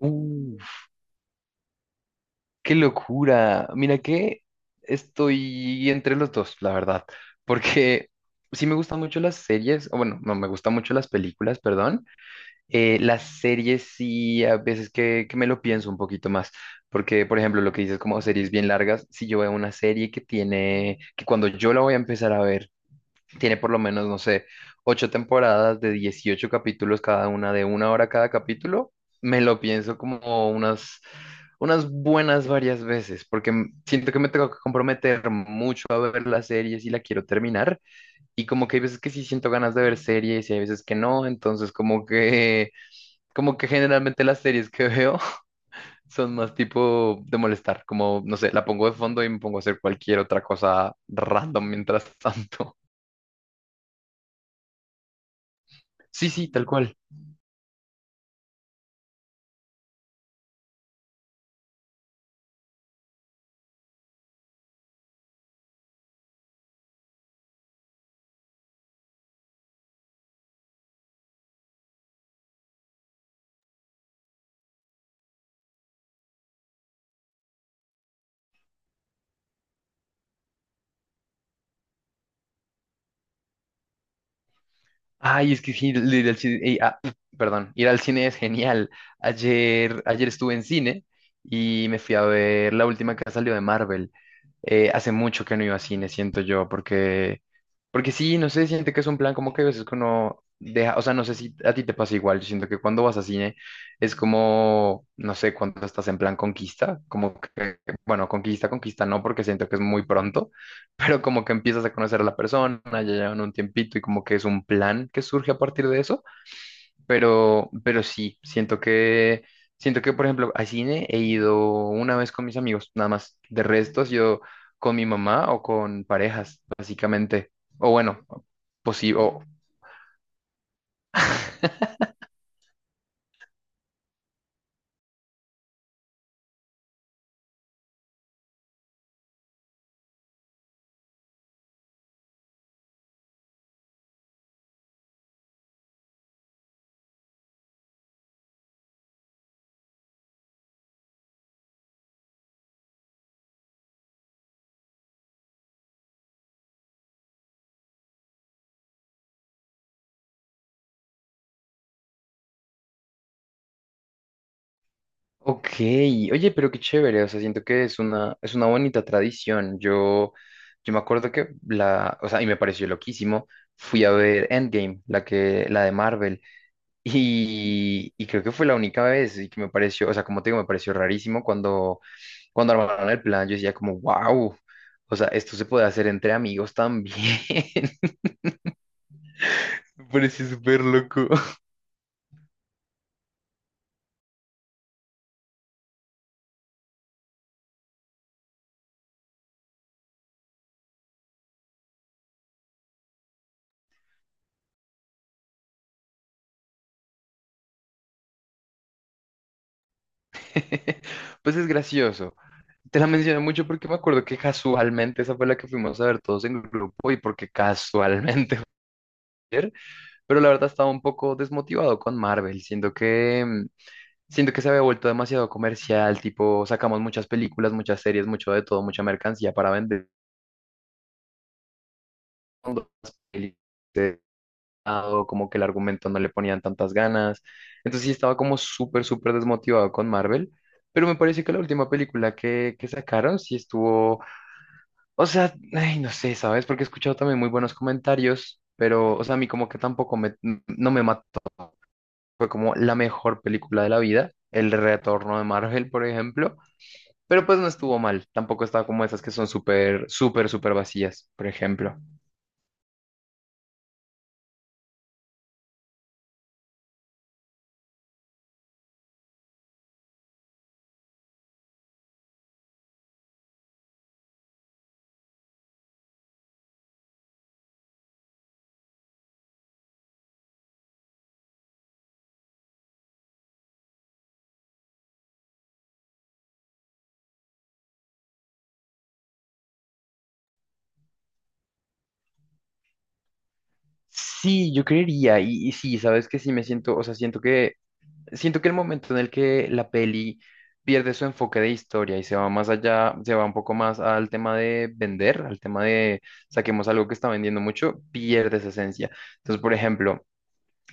Uh, qué locura. Mira que estoy entre los dos, la verdad, porque sí me gustan mucho las series, o bueno, no, me gustan mucho las películas, perdón. Las series sí, a veces que me lo pienso un poquito más, porque, por ejemplo, lo que dices como series bien largas, si yo veo una serie que tiene, que cuando yo la voy a empezar a ver, tiene por lo menos, no sé, ocho temporadas de 18 capítulos cada una, de 1 hora cada capítulo. Me lo pienso como unas buenas varias veces, porque siento que me tengo que comprometer mucho a ver la serie si la quiero terminar. Y como que hay veces que sí siento ganas de ver series y hay veces que no. Entonces, como que generalmente las series que veo son más tipo de molestar, como, no sé, la pongo de fondo y me pongo a hacer cualquier otra cosa random mientras tanto. Sí, sí, tal cual. Ay, es que sí, perdón, ir al cine es genial. Ayer, ayer estuve en cine y me fui a ver la última que salió de Marvel. Hace mucho que no iba a cine, siento yo, porque sí, no sé, siento que es un plan como que a veces que uno deja, o sea, no sé si a ti te pasa igual, yo siento que cuando vas a cine es como, no sé, cuando estás en plan conquista, como que, bueno, conquista no, porque siento que es muy pronto, pero como que empiezas a conocer a la persona, ya llevan un tiempito y como que es un plan que surge a partir de eso. Pero sí, siento que, por ejemplo, a cine he ido una vez con mis amigos, nada más. De restos, yo con mi mamá o con parejas, básicamente. O bueno, posible. Ok, oye, pero qué chévere, o sea, siento que es una bonita tradición. Yo me acuerdo que la, o sea, y me pareció loquísimo, fui a ver Endgame, la que, la de Marvel. Y creo que fue la única vez y que me pareció, o sea, como te digo, me pareció rarísimo cuando armaron el plan, yo decía como, wow, o sea, esto se puede hacer entre amigos también. Me pareció súper loco. Pues es gracioso. Te la mencioné mucho porque me acuerdo que casualmente esa fue la que fuimos a ver todos en grupo y porque casualmente, fue ayer, pero la verdad estaba un poco desmotivado con Marvel, siento que… Siento que se había vuelto demasiado comercial, tipo, sacamos muchas películas, muchas series, mucho de todo, mucha mercancía para vender. Cuando las pelis de lado, como que el argumento no le ponían tantas ganas. Entonces sí estaba como súper, súper desmotivado con Marvel. Pero me parece que la última película que sacaron sí estuvo, o sea, ay, no sé, ¿sabes? Porque he escuchado también muy buenos comentarios, pero, o sea, a mí como que tampoco me, no me mató. Fue como la mejor película de la vida, El Retorno de Marvel, por ejemplo. Pero pues no estuvo mal. Tampoco estaba como esas que son súper, súper, súper vacías, por ejemplo. Sí, yo creería. Y sí, sabes que sí me siento, o sea, siento que el momento en el que la peli pierde su enfoque de historia y se va más allá, se va un poco más al tema de vender, al tema de saquemos algo que está vendiendo mucho, pierde esa esencia. Entonces, por ejemplo,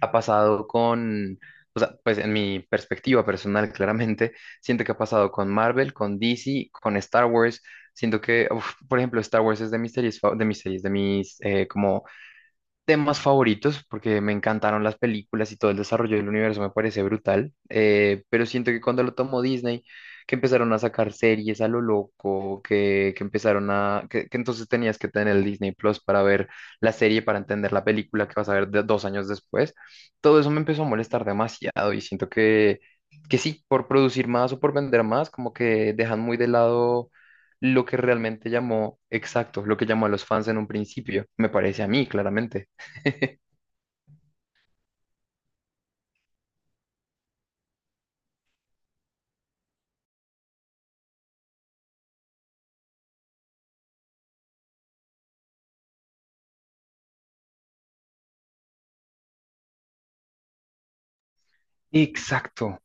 ha pasado con, o sea, pues en mi perspectiva personal, claramente, siento que ha pasado con Marvel, con DC, con Star Wars. Siento que, uf, por ejemplo, Star Wars es de mis series, de mis series, de mis como temas favoritos, porque me encantaron las películas y todo el desarrollo del universo me parece brutal, pero siento que cuando lo tomó Disney, que empezaron a sacar series a lo loco, que empezaron a, que entonces tenías que tener el Disney Plus para ver la serie, para entender la película que vas a ver 2 años después, todo eso me empezó a molestar demasiado y siento que sí, por producir más o por vender más, como que dejan muy de lado lo que realmente llamó, exacto, lo que llamó a los fans en un principio, me parece a mí, claramente. Exacto.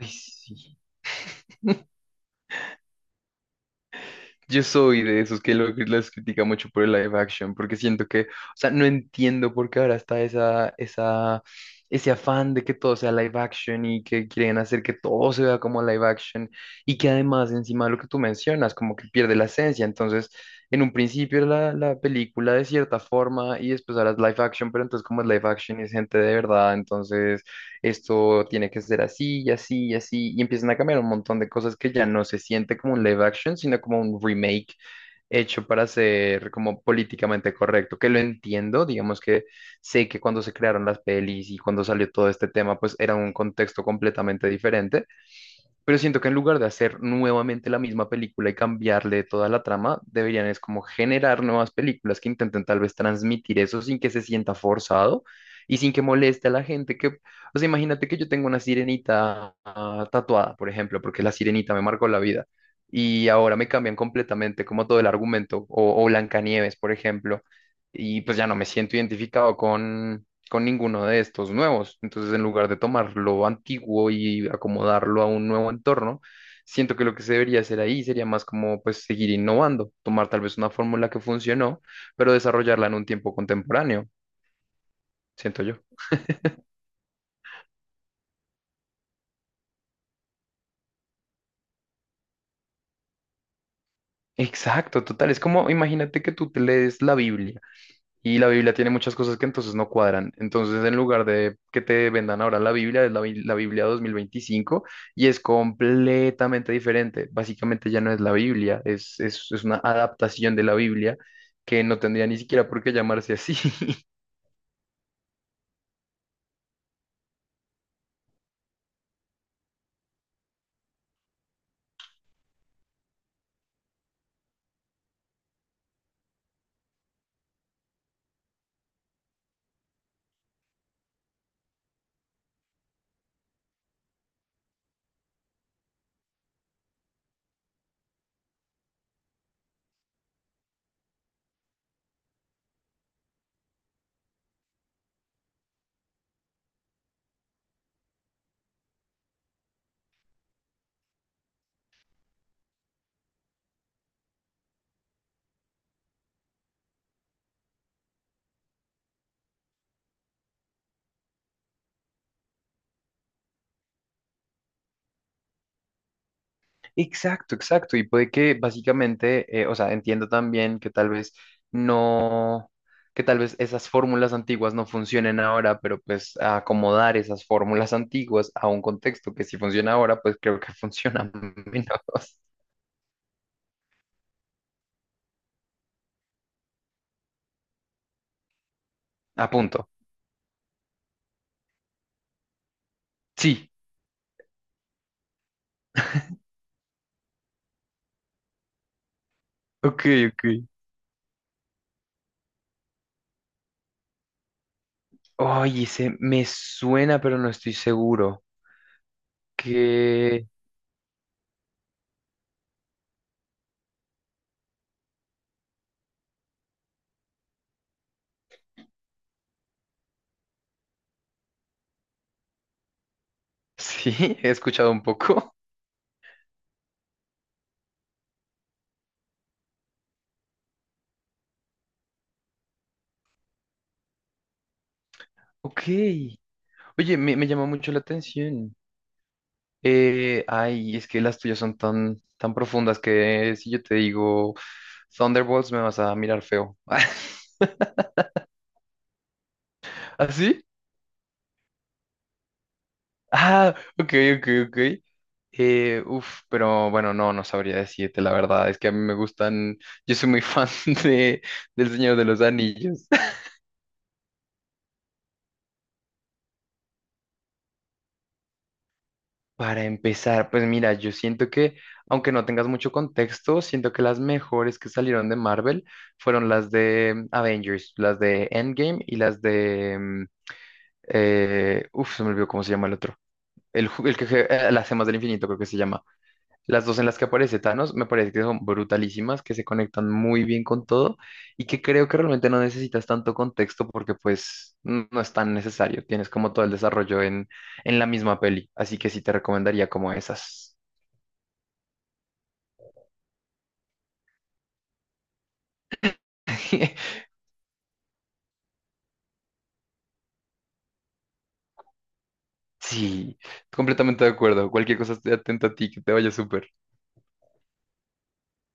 Ay, sí. Yo soy de esos que las critica mucho por el live action, porque siento que, o sea, no entiendo por qué ahora está ese afán de que todo sea live action y que quieren hacer que todo se vea como live action y que además encima de lo que tú mencionas, como que pierde la esencia. Entonces, en un principio era la, la película de cierta forma y después ahora es live action, pero entonces como es live action y es gente de verdad, entonces… esto tiene que ser así y así y así, y empiezan a cambiar un montón de cosas que ya no se siente como un live action, sino como un remake hecho para ser como políticamente correcto, que lo entiendo, digamos que sé que cuando se crearon las pelis y cuando salió todo este tema, pues era un contexto completamente diferente, pero siento que en lugar de hacer nuevamente la misma película y cambiarle toda la trama, deberían es como generar nuevas películas que intenten tal vez transmitir eso sin que se sienta forzado y sin que moleste a la gente que, o sea, imagínate que yo tengo una sirenita ah, tatuada, por ejemplo, porque la sirenita me marcó la vida y ahora me cambian completamente como todo el argumento o Blancanieves, por ejemplo, y pues ya no me siento identificado con ninguno de estos nuevos. Entonces, en lugar de tomar lo antiguo y acomodarlo a un nuevo entorno, siento que lo que se debería hacer ahí sería más como pues seguir innovando, tomar tal vez una fórmula que funcionó, pero desarrollarla en un tiempo contemporáneo, siento yo. Exacto, total. Es como, imagínate que tú te lees la Biblia. Y la Biblia tiene muchas cosas que entonces no cuadran. Entonces, en lugar de que te vendan ahora la Biblia, es la Biblia 2025 y es completamente diferente. Básicamente ya no es la Biblia, es una adaptación de la Biblia que no tendría ni siquiera por qué llamarse así. Exacto, exacto. Y puede que básicamente, o sea, entiendo también que tal vez no, que tal vez esas fórmulas antiguas no funcionen ahora, pero pues acomodar esas fórmulas antiguas a un contexto que si funciona ahora, pues creo que funciona menos. A punto. Sí. Ok, ok. Oye, ese me suena, pero no estoy seguro. Que sí, he escuchado un poco. Ok. Oye, me llama mucho la atención. Ay, es que las tuyas son tan, tan profundas que si yo te digo Thunderbolts me vas a mirar feo. ¿Así? Ah, ok, ok, ok. Uf, pero bueno, no, no sabría decirte la verdad. Es que a mí me gustan, yo soy muy fan de, del Señor de los Anillos. Para empezar, pues mira, aunque no tengas mucho contexto, siento que las mejores que salieron de Marvel fueron las de Avengers, las de Endgame y las de uf, se me olvidó cómo se llama el otro. El, las gemas del infinito creo que se llama. Las dos en las que aparece Thanos me parece que son brutalísimas, que se conectan muy bien con todo y que creo que realmente no necesitas tanto contexto porque pues no es tan necesario. Tienes como todo el desarrollo en la misma peli, así que sí te recomendaría como esas. Sí, completamente de acuerdo. Cualquier cosa estoy atento a ti, que te vaya súper.